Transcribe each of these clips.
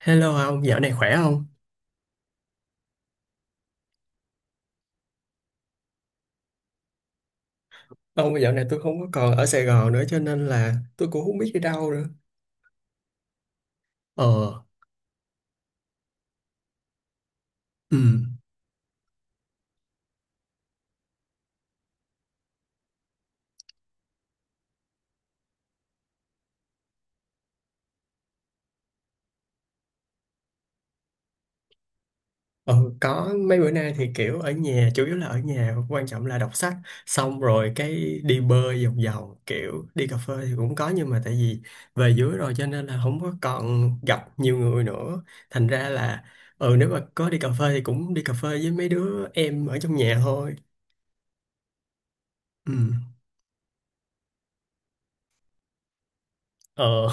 Hello ông, dạo này khỏe không? Ông dạo này tôi không có còn ở Sài Gòn nữa cho nên là tôi cũng không biết đi đâu nữa. Ờ, ừ, ờ, có mấy bữa nay thì kiểu ở nhà, chủ yếu là ở nhà, quan trọng là đọc sách, xong rồi cái đi bơi vòng vòng, kiểu đi cà phê thì cũng có nhưng mà tại vì về dưới rồi cho nên là không có còn gặp nhiều người nữa. Thành ra là, nếu mà có đi cà phê thì cũng đi cà phê với mấy đứa em ở trong nhà thôi. Ừ, ờ.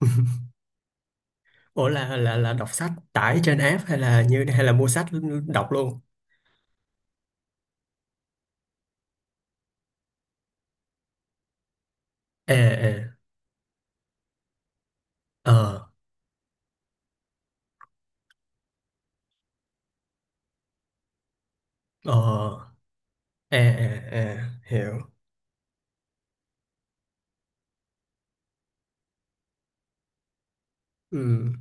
Ủa, là đọc sách tải trên app hay là hay là mua sách đọc luôn? Ờ, ờ, ờ, ờ, ờ, ờ, ờ, hiểu. Ừ.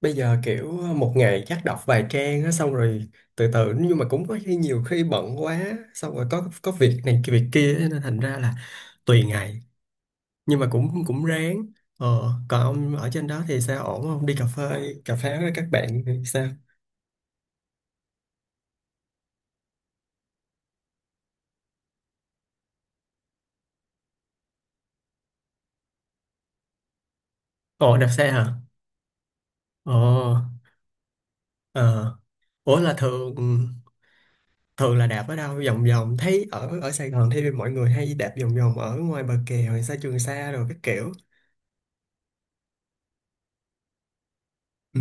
Bây giờ kiểu một ngày chắc đọc vài trang á, xong rồi từ từ, nhưng mà cũng có khi nhiều khi bận quá xong rồi có việc này cái việc kia á, nên thành ra là tùy ngày, nhưng mà cũng cũng ráng. Ờ, còn ông ở trên đó thì sao, ổn không? Đi cà phê với các bạn thì sao? Ồ, đạp xe hả? Ồ. Ờ. Ủa, là thường thường là đạp ở đâu vòng vòng, thấy ở ở Sài Gòn thì mọi người hay đạp vòng vòng ở ngoài bờ kè hoặc xa Trường Sa rồi các kiểu. Ừ.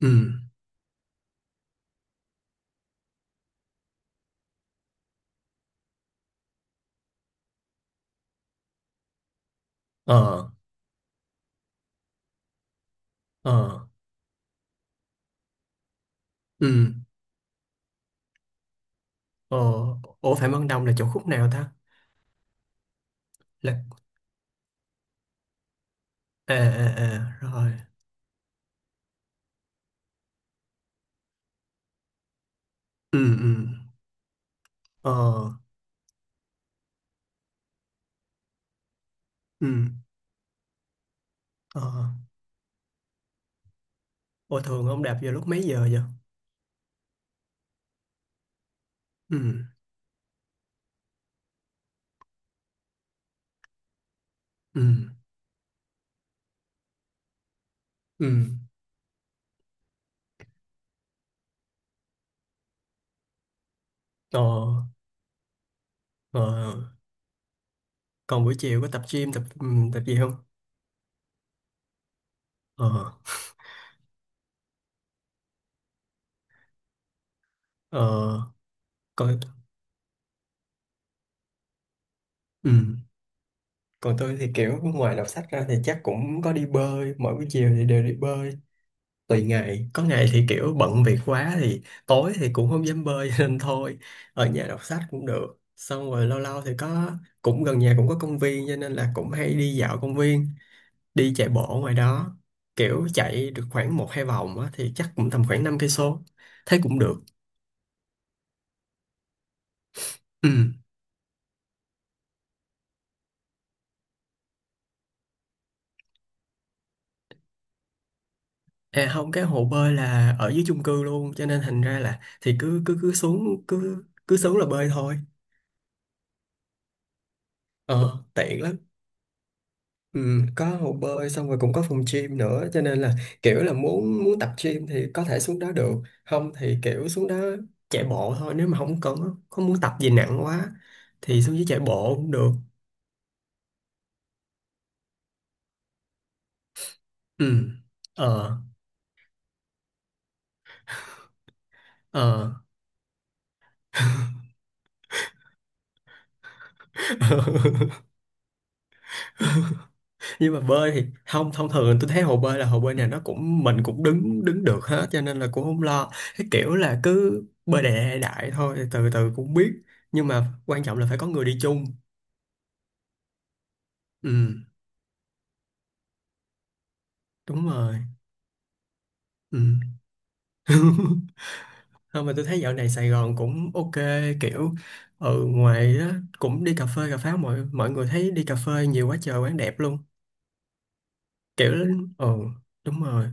Ừ. Ờ. Ờ. Ừ. Ờ. Ủa, Phạm Văn Đồng là chỗ khúc nào ta? là À, à, à, rồi. Ừ. Ừ. Ờ. Ừ. Ờ. Ủa, thường ông đạp vào lúc mấy giờ vậy? Ừ. Ừ. Ừ. Ờ. Ờ. Còn buổi chiều có tập gym, tập gì không? Ờ. Ờ. Coi. Ừ. Còn tôi thì kiểu ngoài đọc sách ra thì chắc cũng có đi bơi, mỗi buổi chiều thì đều đi bơi. Tùy ngày, có ngày thì kiểu bận việc quá thì tối thì cũng không dám bơi nên thôi ở nhà đọc sách cũng được. Xong rồi lâu lâu thì có, cũng gần nhà cũng có công viên cho nên là cũng hay đi dạo công viên, đi chạy bộ ngoài đó, kiểu chạy được khoảng một hai vòng á, thì chắc cũng tầm khoảng 5 cây số, thấy cũng được. Ừ. À, không, cái hồ bơi là ở dưới chung cư luôn cho nên thành ra là thì cứ cứ cứ xuống là bơi thôi. Ờ, tiện lắm. Ừ, có hồ bơi xong rồi cũng có phòng gym nữa cho nên là kiểu là muốn muốn tập gym thì có thể xuống đó được, không thì kiểu xuống đó chạy bộ thôi, nếu mà không cần không muốn tập gì nặng quá thì xuống dưới chạy bộ cũng được. Ừ. Ờ. Ờ. Nhưng mà bơi thì không, thông thường tôi thấy hồ bơi, là hồ bơi này nó cũng mình cũng đứng đứng được hết cho nên là cũng không lo. Cái kiểu là cứ bơi đại đại thôi, từ từ cũng biết, nhưng mà quan trọng là phải có người đi chung. Ừ, đúng rồi. Ừ. Không, mà tôi thấy dạo này Sài Gòn cũng ok, kiểu ngoài đó cũng đi cà phê cà pháo, mọi mọi người thấy đi cà phê nhiều quá trời, quán đẹp luôn. Kiểu. Ừ, đúng rồi.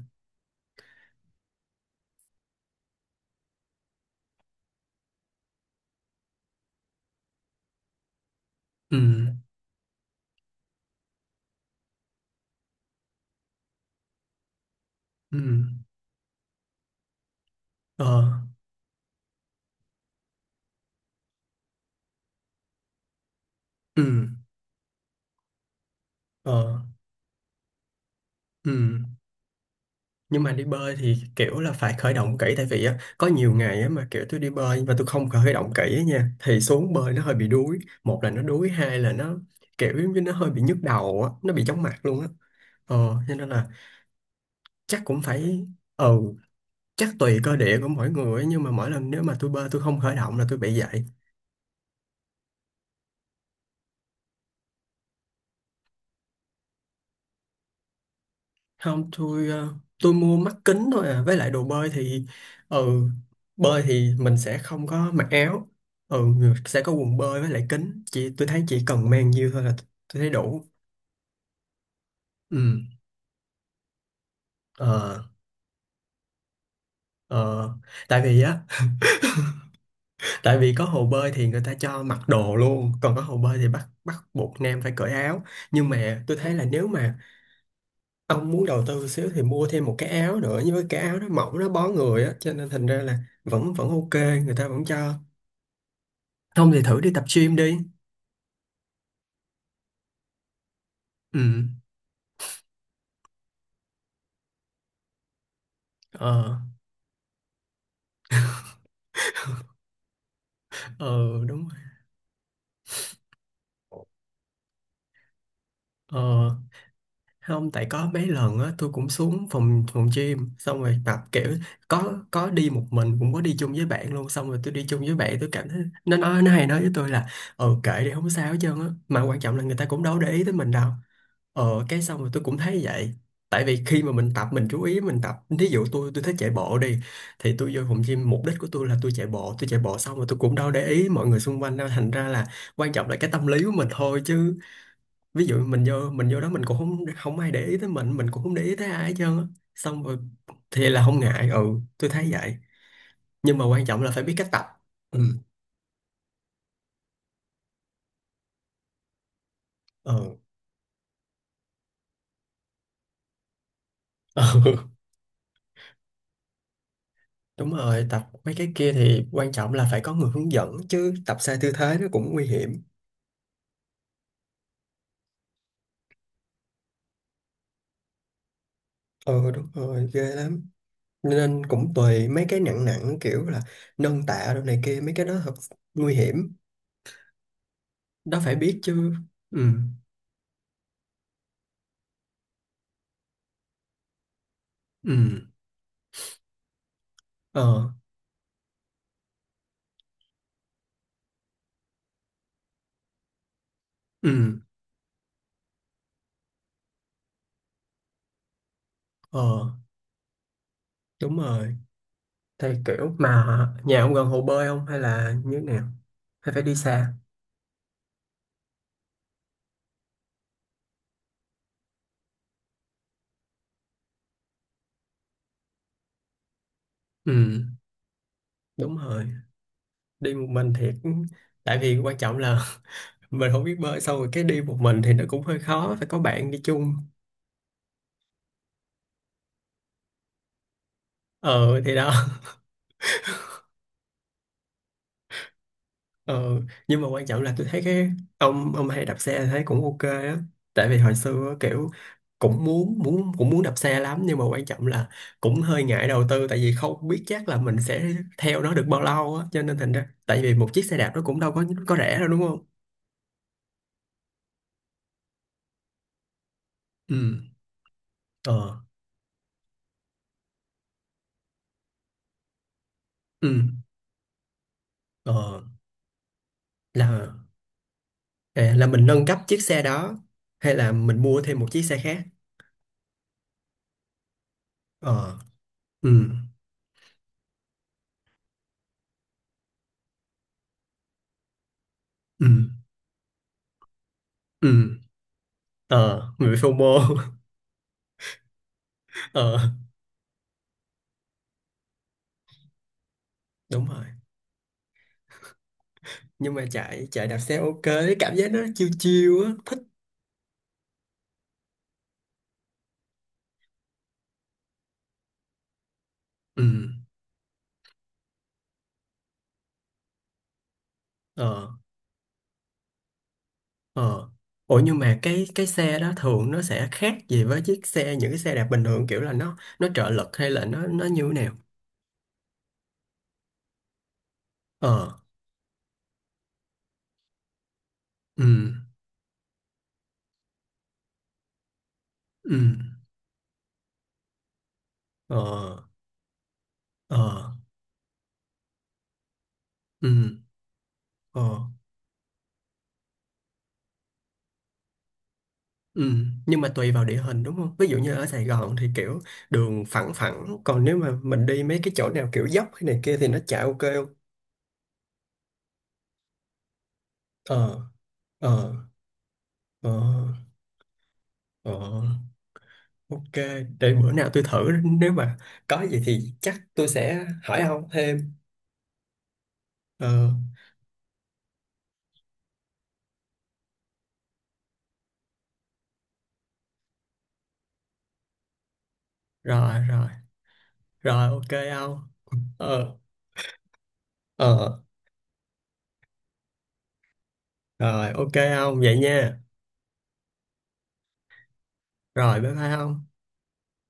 Ừ. Ừ. Ờ. Ừ. Ờ. Ừ, nhưng mà đi bơi thì kiểu là phải khởi động kỹ, tại vì á có nhiều ngày á mà kiểu tôi đi bơi và tôi không khởi động kỹ á nha thì xuống bơi nó hơi bị đuối. Một là nó đuối, hai là nó kiểu giống như nó hơi bị nhức đầu á, nó bị chóng mặt luôn á. Ờ, cho nên là chắc cũng phải. Ừ, chắc tùy cơ địa của mỗi người ấy, nhưng mà mỗi lần nếu mà tôi bơi tôi không khởi động là tôi bị vậy. Không, tôi mua mắt kính thôi à, với lại đồ bơi thì ừ, bơi thì mình sẽ không có mặc áo. Ừ, sẽ có quần bơi với lại kính, chỉ tôi thấy chỉ cần mang nhiêu thôi là tôi thấy đủ. Ừ. Ờ. Ờ. Tại vì á tại vì có hồ bơi thì người ta cho mặc đồ luôn, còn có hồ bơi thì bắt bắt buộc nam phải cởi áo. Nhưng mà tôi thấy là nếu mà ông muốn đầu tư xíu thì mua thêm một cái áo nữa, nhưng với cái áo nó mỏng nó bó người á cho nên thành ra là vẫn vẫn ok, người ta vẫn cho. Không thì thử đi tập gym đi. Ừ. Ờ. Ờ. Đúng rồi. Ờ, không, tại có mấy lần á tôi cũng xuống phòng phòng gym xong rồi tập kiểu, có đi một mình cũng có đi chung với bạn luôn, xong rồi tôi đi chung với bạn tôi cảm thấy, nó nói nó hay nói với tôi là ừ, kệ đi không sao hết trơn á, mà quan trọng là người ta cũng đâu để ý tới mình đâu. Ờ, cái xong rồi tôi cũng thấy vậy. Tại vì khi mà mình tập mình chú ý mình tập. Ví dụ tôi thích chạy bộ đi, thì tôi vô phòng gym, mục đích của tôi là tôi chạy bộ. Tôi chạy bộ xong rồi tôi cũng đâu để ý mọi người xung quanh đâu. Thành ra là quan trọng là cái tâm lý của mình thôi chứ. Ví dụ mình vô đó, mình cũng không không ai để ý tới mình. Mình cũng không để ý tới ai hết trơn á. Xong rồi thì là không ngại. Ừ, tôi thấy vậy. Nhưng mà quan trọng là phải biết cách tập. Ừ. Ờ. Ờ. Đúng rồi, tập mấy cái kia thì quan trọng là phải có người hướng dẫn, chứ tập sai tư thế nó cũng nguy hiểm. Ờ, đúng rồi, ghê lắm. Nên cũng tùy, mấy cái nặng nặng kiểu là nâng tạ đồ này kia, mấy cái đó thật nguy hiểm. Đó phải biết chứ. Ừ, ừ, ờ, ừ, ờ, đúng rồi. Thì kiểu mà nhà ông gần hồ bơi không hay là như thế nào? Hay phải đi xa? Ừ, đúng rồi. Đi một mình thiệt. Tại vì quan trọng là mình không biết bơi xong rồi cái đi một mình thì nó cũng hơi khó. Phải có bạn đi chung. Ờ, thì đó. Ờ, nhưng mà quan trọng là tôi thấy cái ông hay đạp xe thấy cũng ok á, tại vì hồi xưa á, kiểu cũng muốn đạp xe lắm, nhưng mà quan trọng là cũng hơi ngại đầu tư, tại vì không biết chắc là mình sẽ theo nó được bao lâu á, cho nên thành ra tại vì một chiếc xe đạp nó cũng đâu có rẻ đâu, đúng không? Ừ. Ờ. Ừ. Ờ. là À, là mình nâng cấp chiếc xe đó hay là mình mua thêm một chiếc xe khác? Ờ. Ừ. Ừ. Ừ. Ờ, mình bị FOMO. Ờ, đúng rồi, nhưng mà chạy chạy đạp xe ok cái cảm giác nó chiêu chiêu á. Ừ. Ờ. Ờ. Ủa, nhưng mà cái xe đó thường nó sẽ khác gì với chiếc xe, những cái xe đạp bình thường, kiểu là nó trợ lực, hay là nó như thế nào? Ờ. Ừ. Ừ. Ờ. Ờ. Ừ. Ờ. Ừ, nhưng mà tùy vào địa hình, đúng không? Ví dụ như ở Sài Gòn thì kiểu đường phẳng phẳng, còn nếu mà mình đi mấy cái chỗ nào kiểu dốc hay này kia thì nó chạy ok không? Ờ. Ờ. Ờ. Ờ. Ờ. Ok, để bữa nào tôi thử, nếu mà có gì thì chắc tôi sẽ hỏi ông thêm. Ờ. Rồi rồi, rồi ok ông. Ờ, ờ, rồi ok ông vậy nha. Rồi, bye bye ông.